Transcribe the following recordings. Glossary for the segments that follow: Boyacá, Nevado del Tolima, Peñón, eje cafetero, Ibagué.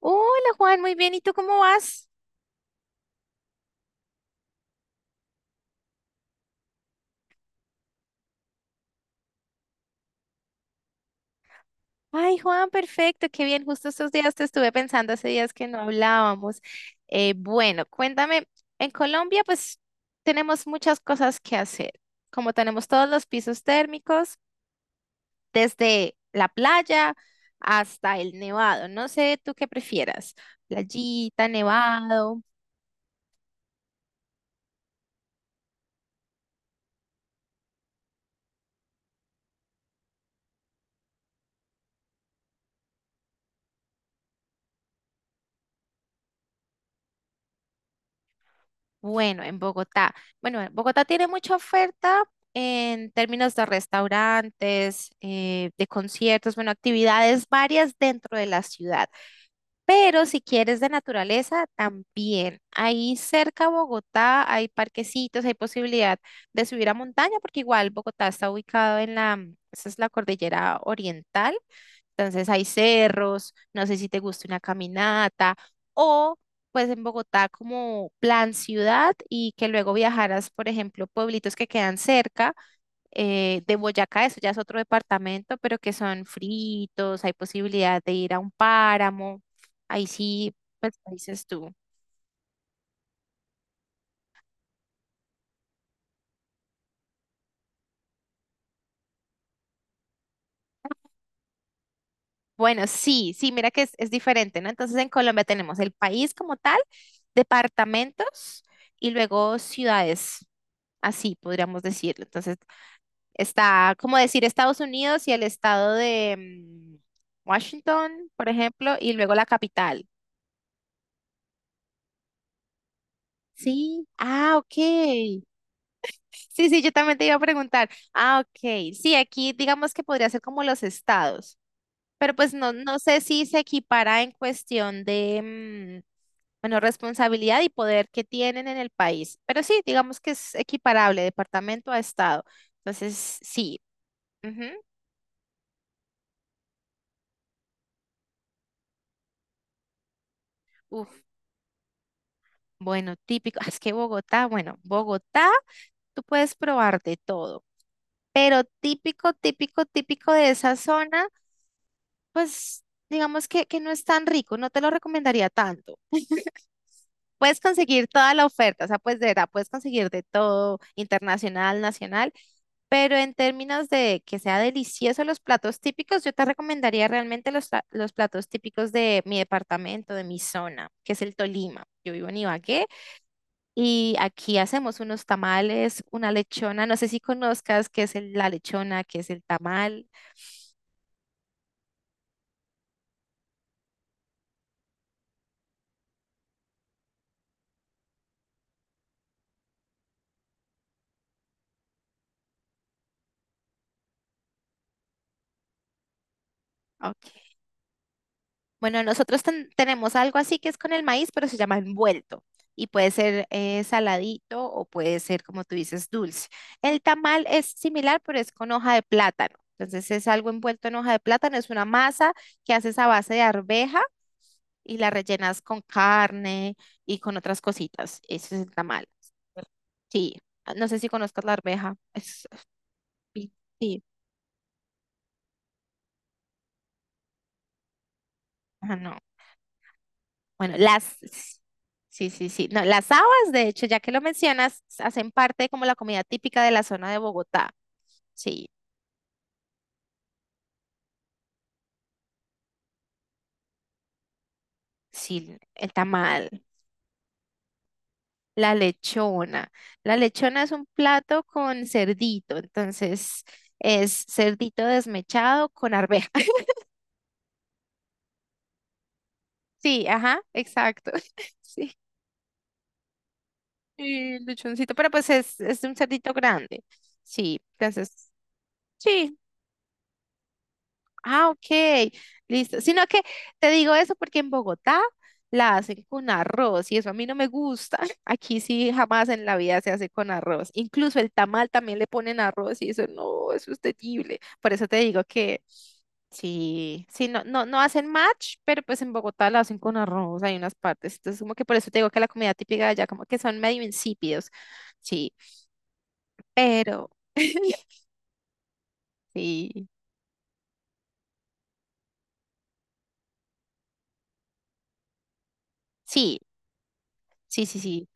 Hola Juan, muy bien. ¿Y tú cómo vas? Ay Juan, perfecto, qué bien. Justo estos días te estuve pensando, hace días que no hablábamos. Bueno, cuéntame, en Colombia pues tenemos muchas cosas que hacer, como tenemos todos los pisos térmicos, desde la playa hasta el nevado. No sé tú qué prefieras, playita, nevado. Bueno, en Bogotá. Bueno, en Bogotá tiene mucha oferta en términos de restaurantes, de conciertos, bueno, actividades varias dentro de la ciudad. Pero si quieres de naturaleza, también. Ahí cerca a Bogotá hay parquecitos, hay posibilidad de subir a montaña, porque igual Bogotá está ubicado esa es la cordillera oriental. Entonces hay cerros, no sé si te gusta una caminata o pues en Bogotá como plan ciudad y que luego viajaras, por ejemplo, pueblitos que quedan cerca de Boyacá, eso ya es otro departamento, pero que son fritos, hay posibilidad de ir a un páramo, ahí sí, pues ¿qué dices tú? Bueno, sí, sí, mira que es diferente, ¿no? Entonces en Colombia tenemos el país como tal, departamentos y luego ciudades, así podríamos decirlo. Entonces está como decir Estados Unidos y el estado de Washington, por ejemplo, y luego la capital. Sí, ah, ok. Sí, sí, yo también te iba a preguntar. Ah, ok. Sí, aquí digamos que podría ser como los estados, pero pues no, no sé si se equipara en cuestión de, bueno, responsabilidad y poder que tienen en el país, pero sí, digamos que es equiparable departamento a estado. Entonces, sí. Ujú. Bueno, típico, es que Bogotá, bueno, Bogotá, tú puedes probar de todo, pero típico, típico, típico de esa zona, pues digamos que no es tan rico, no te lo recomendaría tanto. Puedes conseguir toda la oferta, o sea, pues de verdad, puedes conseguir de todo, internacional, nacional, pero en términos de que sea delicioso los platos típicos, yo te recomendaría realmente los platos típicos de mi departamento, de mi zona, que es el Tolima. Yo vivo en Ibagué. Y aquí hacemos unos tamales, una lechona, no sé si conozcas qué es la lechona, qué es el tamal. Ok. Bueno, nosotros tenemos algo así que es con el maíz, pero se llama envuelto. Y puede ser saladito o puede ser, como tú dices, dulce. El tamal es similar, pero es con hoja de plátano. Entonces es algo envuelto en hoja de plátano, es una masa que haces a base de arveja y la rellenas con carne y con otras cositas. Ese es el tamal. Sí, no sé si conozcas la arveja. Pi- Sí, no. Bueno, sí, sí, sí. No, las habas, de hecho, ya que lo mencionas, hacen parte como la comida típica de la zona de Bogotá. Sí, sí, el tamal, la lechona. La lechona es un plato con cerdito, entonces es cerdito desmechado con arveja. Sí, ajá, exacto. Sí, y lechoncito, pero pues es un cerdito grande. Sí, entonces, sí, ah, ok, listo. Sino que te digo eso porque en Bogotá la hacen con arroz y eso a mí no me gusta. Aquí sí jamás en la vida se hace con arroz. Incluso el tamal también le ponen arroz y eso no, eso es terrible. Por eso te digo que sí, sí, no, no, no hacen match, pero pues en Bogotá la hacen con arroz, hay unas partes. Entonces como que por eso te digo que la comida típica de allá como que son medio insípidos. Sí, pero sí, sí, sí, sí, sí.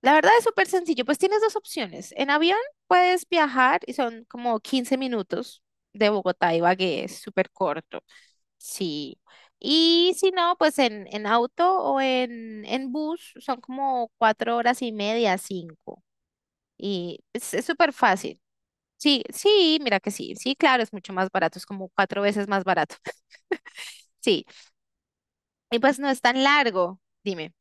La verdad es súper sencillo, pues tienes dos opciones. En avión puedes viajar y son como 15 minutos de Bogotá a Ibagué, es súper corto. Sí. Y si no, pues en auto o en bus son como 4 horas y media, 5. Y es súper fácil. Sí, sí, mira que sí, sí, claro, es mucho más barato, es como 4 veces más barato. Sí, y pues no es tan largo, dime.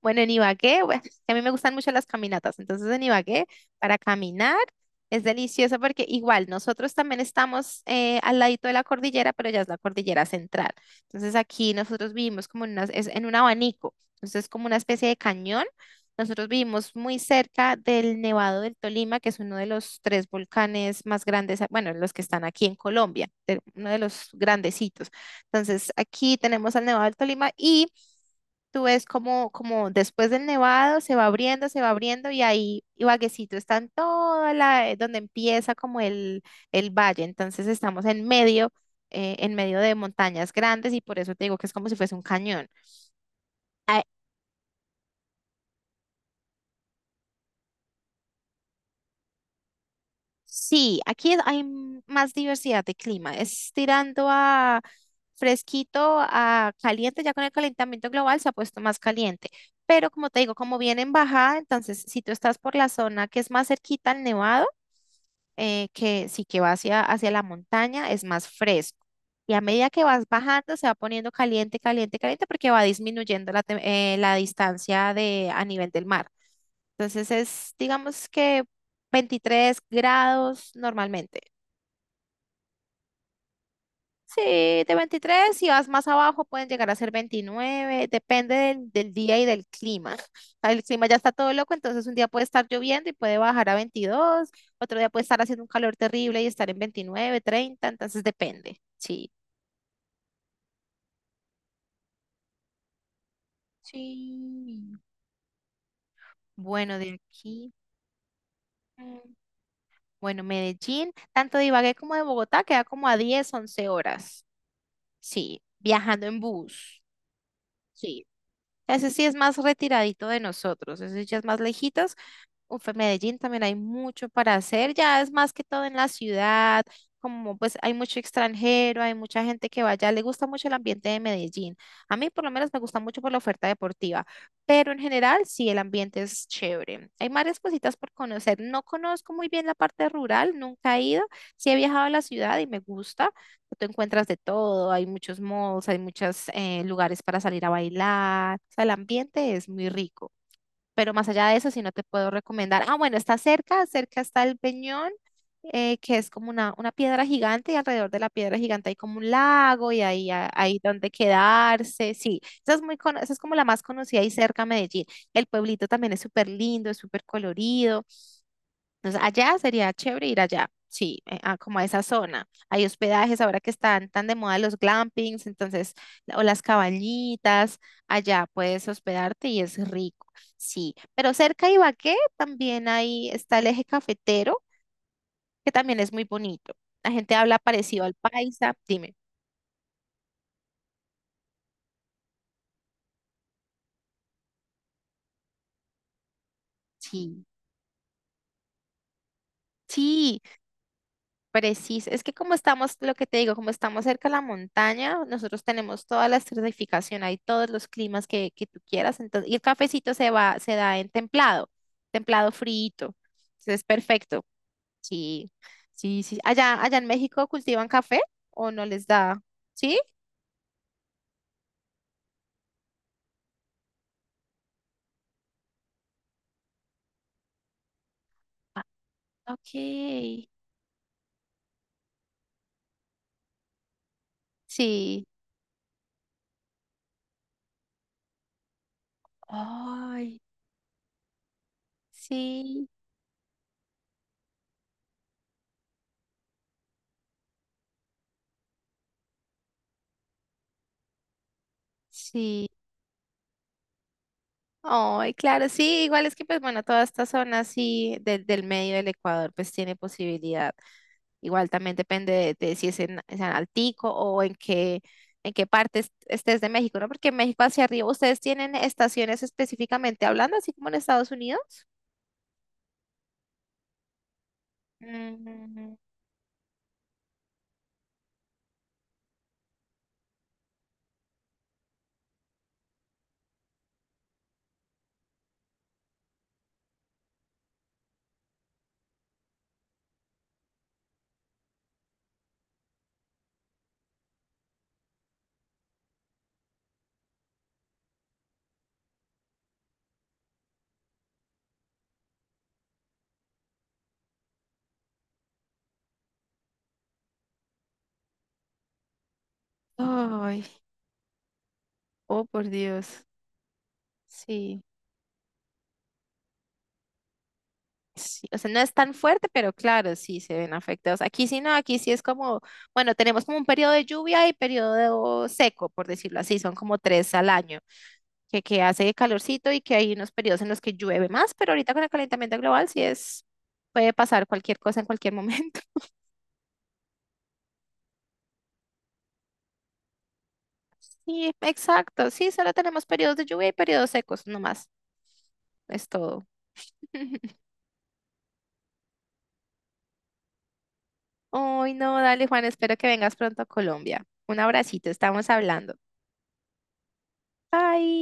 Bueno, en Ibagué, bueno, es que a mí me gustan mucho las caminatas, entonces en Ibagué para caminar es delicioso porque igual nosotros también estamos al ladito de la cordillera, pero ya es la cordillera central. Entonces aquí nosotros vivimos como es en un abanico, entonces es como una especie de cañón. Nosotros vivimos muy cerca del Nevado del Tolima, que es uno de los tres volcanes más grandes, bueno, los que están aquí en Colombia, uno de los grandecitos. Entonces aquí tenemos al Nevado del Tolima. Y... Tú ves como después del nevado se va abriendo y ahí Ibaguecito está en toda donde empieza como el valle. Entonces estamos en medio de montañas grandes y por eso te digo que es como si fuese un cañón. Ah, sí, aquí hay más diversidad de clima. Es tirando a fresquito, a caliente, ya con el calentamiento global se ha puesto más caliente. Pero como te digo, como viene en bajada, entonces si tú estás por la zona que es más cerquita al nevado, que sí que va hacia la montaña, es más fresco. Y a medida que vas bajando, se va poniendo caliente, caliente, caliente, porque va disminuyendo la distancia a nivel del mar. Entonces digamos que 23 grados normalmente. Sí, de 23. Si vas más abajo pueden llegar a ser 29. Depende del día y del clima. El clima ya está todo loco, entonces un día puede estar lloviendo y puede bajar a 22, otro día puede estar haciendo un calor terrible y estar en 29, 30. Entonces depende. Sí. Sí. Bueno, de aquí, mm, bueno, Medellín, tanto de Ibagué como de Bogotá queda como a 10, 11 horas. Sí, viajando en bus. Sí. Ese sí es más retiradito de nosotros, ese ya es más lejitos. Uf, en Medellín también hay mucho para hacer, ya es más que todo en la ciudad, como pues hay mucho extranjero, hay mucha gente que vaya, le gusta mucho el ambiente de Medellín. A mí por lo menos me gusta mucho por la oferta deportiva, pero en general sí, el ambiente es chévere. Hay varias cositas por conocer. No conozco muy bien la parte rural, nunca he ido. Sí he viajado a la ciudad y me gusta. Tú encuentras de todo, hay muchos malls, hay muchos lugares para salir a bailar. O sea, el ambiente es muy rico. Pero más allá de eso, si no te puedo recomendar. Ah, bueno, está cerca, cerca está el Peñón, que es como una piedra gigante y alrededor de la piedra gigante hay como un lago y ahí hay donde quedarse. Sí, esa es como la más conocida y cerca a Medellín. El pueblito también es súper lindo, es súper colorido. Entonces, allá sería chévere ir allá, sí, como a esa zona. Hay hospedajes ahora que están tan de moda los glampings, entonces, o las cabañitas, allá puedes hospedarte y es rico, sí. Pero cerca de Ibagué también ahí está el eje cafetero, que también es muy bonito. La gente habla parecido al paisa, dime. Sí, sí, preciso. Es que como estamos, lo que te digo, como estamos cerca de la montaña, nosotros tenemos toda la estratificación, hay todos los climas que tú quieras. Entonces, y el cafecito se da en templado, templado frito. Entonces es perfecto. Sí, sí, sí. Allá, allá en México cultivan café o no les da, ¿sí? Ah, ok. Sí, ay, sí, sí. Ay, claro, sí, igual es que pues bueno, toda esta zona así del medio del Ecuador pues tiene posibilidad. Igual también depende de si es en Altico o en qué parte estés de México, ¿no? Porque en México hacia arriba, ¿ustedes tienen estaciones específicamente hablando, así como en Estados Unidos? Mm, ay, oh por Dios. Sí, sí, o sea, no es tan fuerte, pero claro, sí se ven afectados. Aquí sí no, aquí sí es como, bueno, tenemos como un periodo de lluvia y periodo seco, por decirlo así, son como 3 al año, que hace calorcito y que hay unos periodos en los que llueve más, pero ahorita con el calentamiento global sí puede pasar cualquier cosa en cualquier momento. Sí, exacto, sí, solo tenemos periodos de lluvia y periodos secos, no más es todo. Ay, no, dale Juan, espero que vengas pronto a Colombia. Un abracito, estamos hablando. Bye.